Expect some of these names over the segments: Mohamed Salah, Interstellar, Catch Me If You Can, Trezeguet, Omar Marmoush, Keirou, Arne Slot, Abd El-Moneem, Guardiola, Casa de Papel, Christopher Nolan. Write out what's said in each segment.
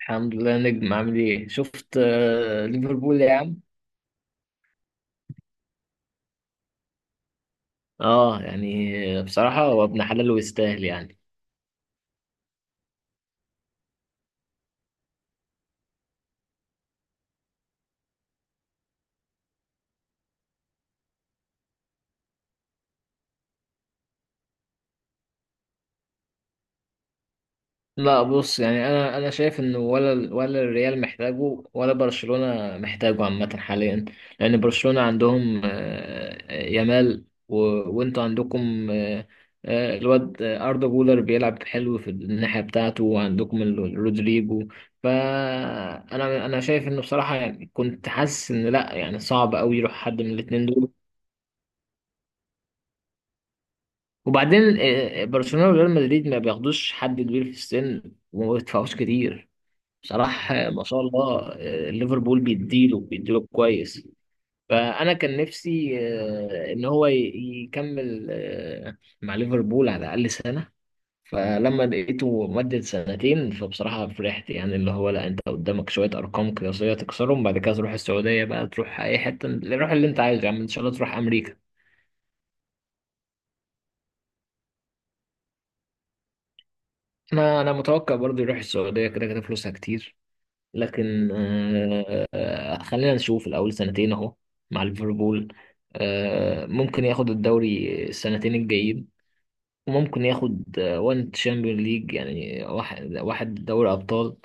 الحمد لله نجم، عامل ايه؟ شفت ليفربول يا عم. اه يعني بصراحة هو ابن حلال ويستاهل يعني. لا بص، يعني انا شايف انه ولا ولا الريال محتاجه ولا برشلونة محتاجه عامة حاليا. لان برشلونة عندهم يامال وانتوا عندكم الواد اردا جولر بيلعب حلو في الناحية بتاعته، وعندكم رودريجو. فانا شايف انه بصراحة يعني كنت حاسس ان لا، يعني صعب قوي يروح حد من الاتنين دول. وبعدين برشلونة وريال مدريد ما بياخدوش حد كبير في السن وما بيدفعوش كتير. بصراحة ما شاء الله ليفربول بيديله كويس. فأنا كان نفسي إن هو يكمل مع ليفربول على الأقل سنة. فلما لقيته مدد سنتين فبصراحة فرحت، يعني اللي هو لا، أنت قدامك شوية أرقام قياسية تكسرهم، بعد كده تروح السعودية بقى، تروح أي حتة، روح اللي أنت عايزه يا عم، إن شاء الله تروح أمريكا. أنا متوقع برضه يروح السعودية، كده كده فلوسها كتير. لكن خلينا نشوف الأول سنتين أهو مع ليفربول. ممكن ياخد الدوري السنتين الجايين، وممكن ياخد وان تشامبيون ليج يعني، واحد واحد، دوري أبطال.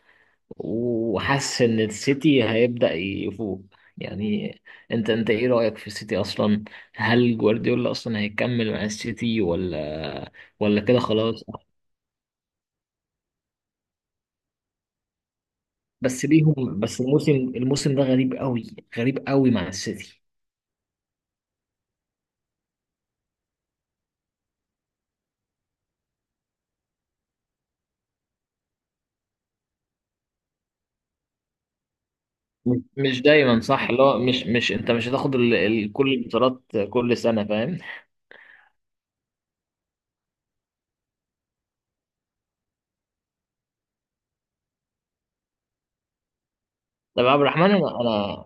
وحاسس إن السيتي هيبدأ يفوق. يعني انت ايه رأيك في السيتي اصلا؟ هل جوارديولا اصلا هيكمل مع السيتي، ولا كده خلاص؟ بس ليهم، بس الموسم ده غريب قوي، غريب قوي مع السيتي. مش دايما صح، اللي هو مش انت مش هتاخد كل البطولات كل سنه، فاهم. طب يا عبد الرحمن، انا انا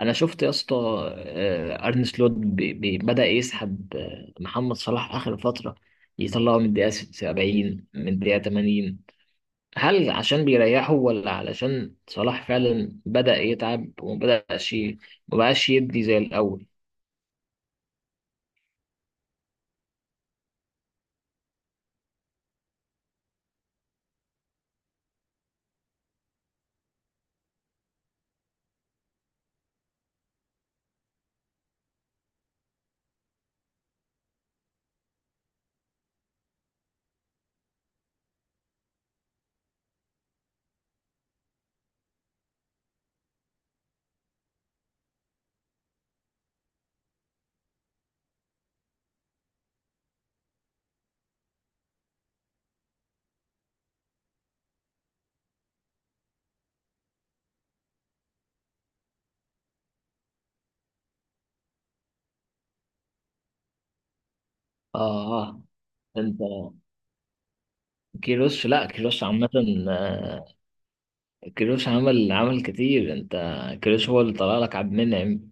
انا شفت يا اسطى ارن سلوت بدا يسحب محمد صلاح اخر فتره، يطلعه من الدقيقه 70، من الدقيقه 80. هل عشان بيريحه، ولا علشان صلاح فعلا بدا يتعب ومبداش مبقاش يدي زي الاول؟ اه انت كيروش، لا كيروش عامه. آه، كيروش عمل كتير، انت. كيروش هو اللي طلع لك عبد المنعم.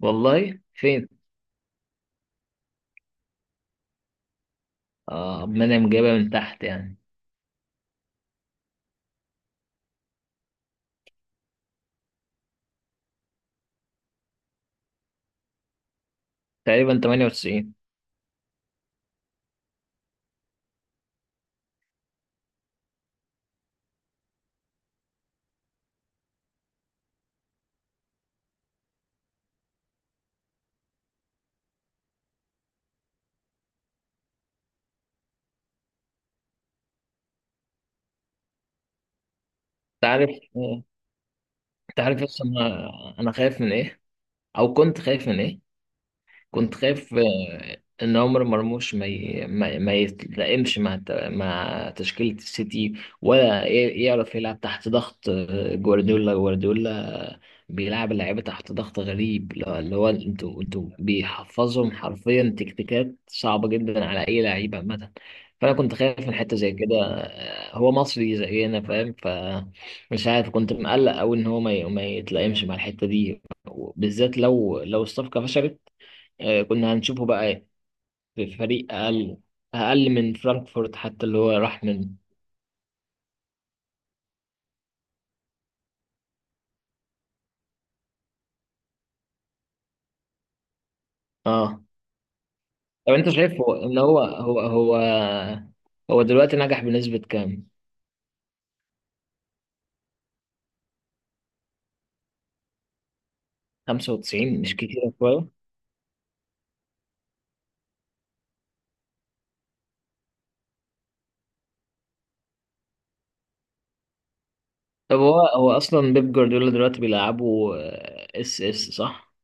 والله؟ فين؟ اه، عبد المنعم جايبها من تحت يعني. تقريبا 98. انت عارف، انت عارف اصلا أنا خايف من ايه، او كنت خايف من ايه؟ كنت خايف ان عمر مرموش ما ي... ما, ما يتلائمش مع مع تشكيلة السيتي، ولا يعرف يلعب تحت ضغط جوارديولا. بيلعب اللعيبة تحت ضغط غريب، اللي هو انتوا بيحفظهم حرفيا تكتيكات صعبة جدا على اي لعيب عامة. فانا كنت خايف من حتة زي كده. هو مصري زينا، فاهم، ف مش عارف، كنت مقلق أوي إن هو ما يتلائمش مع الحتة دي، بالذات لو لو الصفقة فشلت. كنا هنشوفه بقى إيه؟ في فريق اقل، اقل من فرانكفورت حتى، اللي هو راح منه. اه. طب انت شايف هو ان هو دلوقتي نجح بنسبة كام؟ 95 مش كتير شوية؟ طب هو اصلا بيب جوارديولا دلوقتي بيلعبوا اس اس صح؟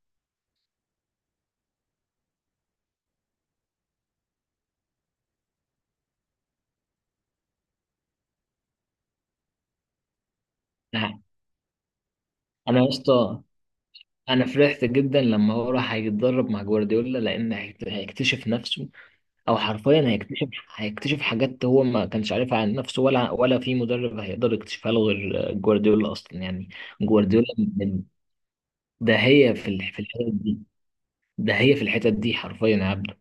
نعم. انا يا اسطى، انا فرحت جدا لما هو راح هيتدرب مع جوارديولا، لان هيكتشف نفسه، او حرفيا هيكتشف، هيكتشف حاجات هو ما كانش عارفها عن نفسه، ولا في مدرب هيقدر يكتشفها له غير جوارديولا اصلا يعني. جوارديولا من- ده هي في في الحتت دي، ده هي في الحتت دي حرفيا يا عبده،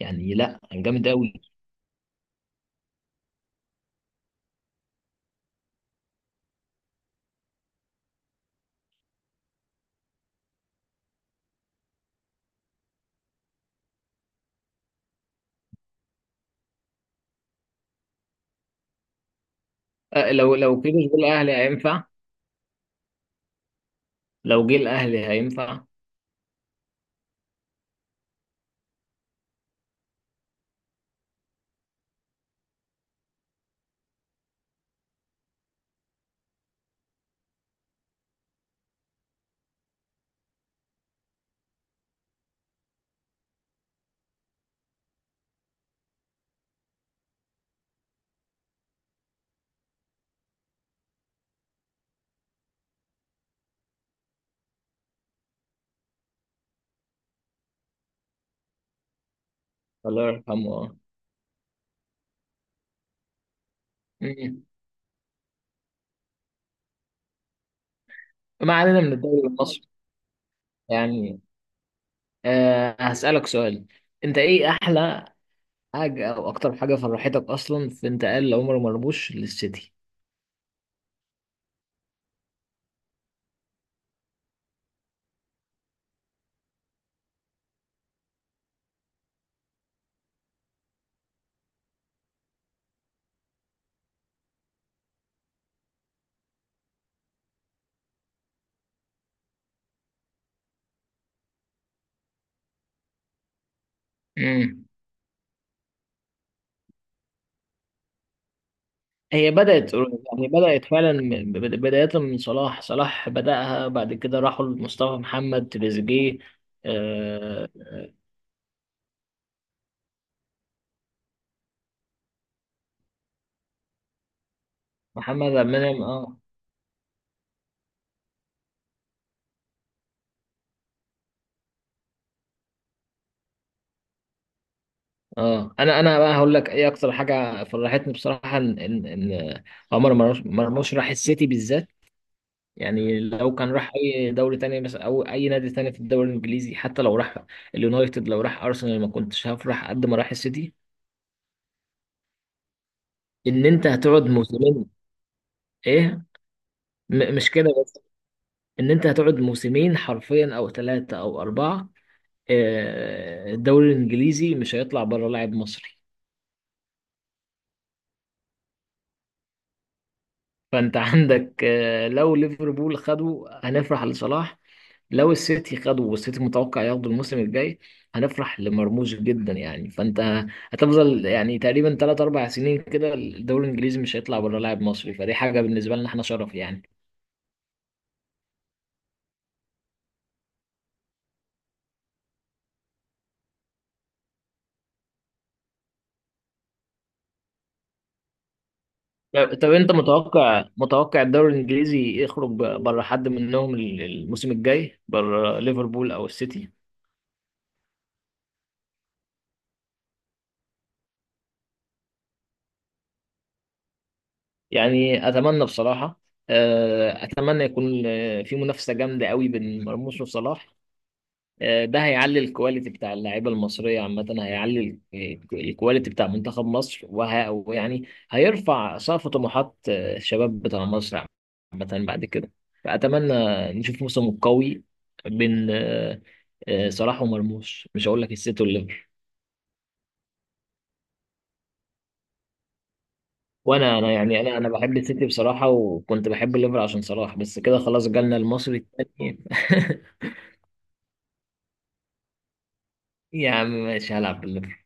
يعني لا، جامد قوي. أه لو لو كده جه الاهلي هينفع. لو جه الاهلي هينفع. الله يرحمه، اه. أمم. ما علينا من الدوري المصري يعني. أه هسألك سؤال. انت ايه احلى حاجة، او اكتر حاجة فرحتك اصلا في انتقال عمر مرموش للسيتي؟ مم. هي بدأت يعني، بدأت فعلا بداية من صلاح، صلاح بدأها، بعد كده راحوا لمصطفى محمد، تريزيجيه، آه، محمد عبد المنعم، اه. اه، انا بقى هقول لك ايه اكتر حاجه فرحتني بصراحه، ان إن عمر مرموش راح السيتي بالذات. يعني لو كان راح اي دوري تاني مثلا، او اي نادي تاني في الدوري الانجليزي، حتى لو راح اليونايتد، لو راح ارسنال، ما كنتش هفرح قد ما راح السيتي. ان انت هتقعد موسمين. ايه، مش كده، ان انت هتقعد موسمين حرفيا، او ثلاثة او اربعة. الدوري الانجليزي مش هيطلع بره لاعب مصري. فانت عندك لو ليفربول خدوا هنفرح لصلاح، لو السيتي خدوا، والسيتي متوقع ياخدوا الموسم الجاي، هنفرح لمرموش جدا. يعني فانت هتفضل يعني تقريبا 3 4 سنين كده الدوري الانجليزي مش هيطلع بره لاعب مصري، فدي حاجة بالنسبة لنا احنا شرف يعني. طب طب انت متوقع، متوقع الدوري الانجليزي يخرج بره حد منهم الموسم الجاي، بره ليفربول او السيتي؟ يعني اتمنى بصراحه. اتمنى يكون في منافسه جامده قوي بين مرموش وصلاح. ده هيعلي الكواليتي بتاع اللعيبه المصريه عامه، هيعلي الكواليتي بتاع منتخب مصر، ويعني هيرفع سقف طموحات الشباب بتاع مصر عامه بعد كده. فاتمنى نشوف موسم قوي بين صلاح ومرموش، مش هقول لك السيتي والليفر. وانا يعني، انا بحب السيتي بصراحه، وكنت بحب الليفر عشان صلاح، بس كده خلاص جالنا المصري التاني. يا عم ماشي، هلعب بالليفر.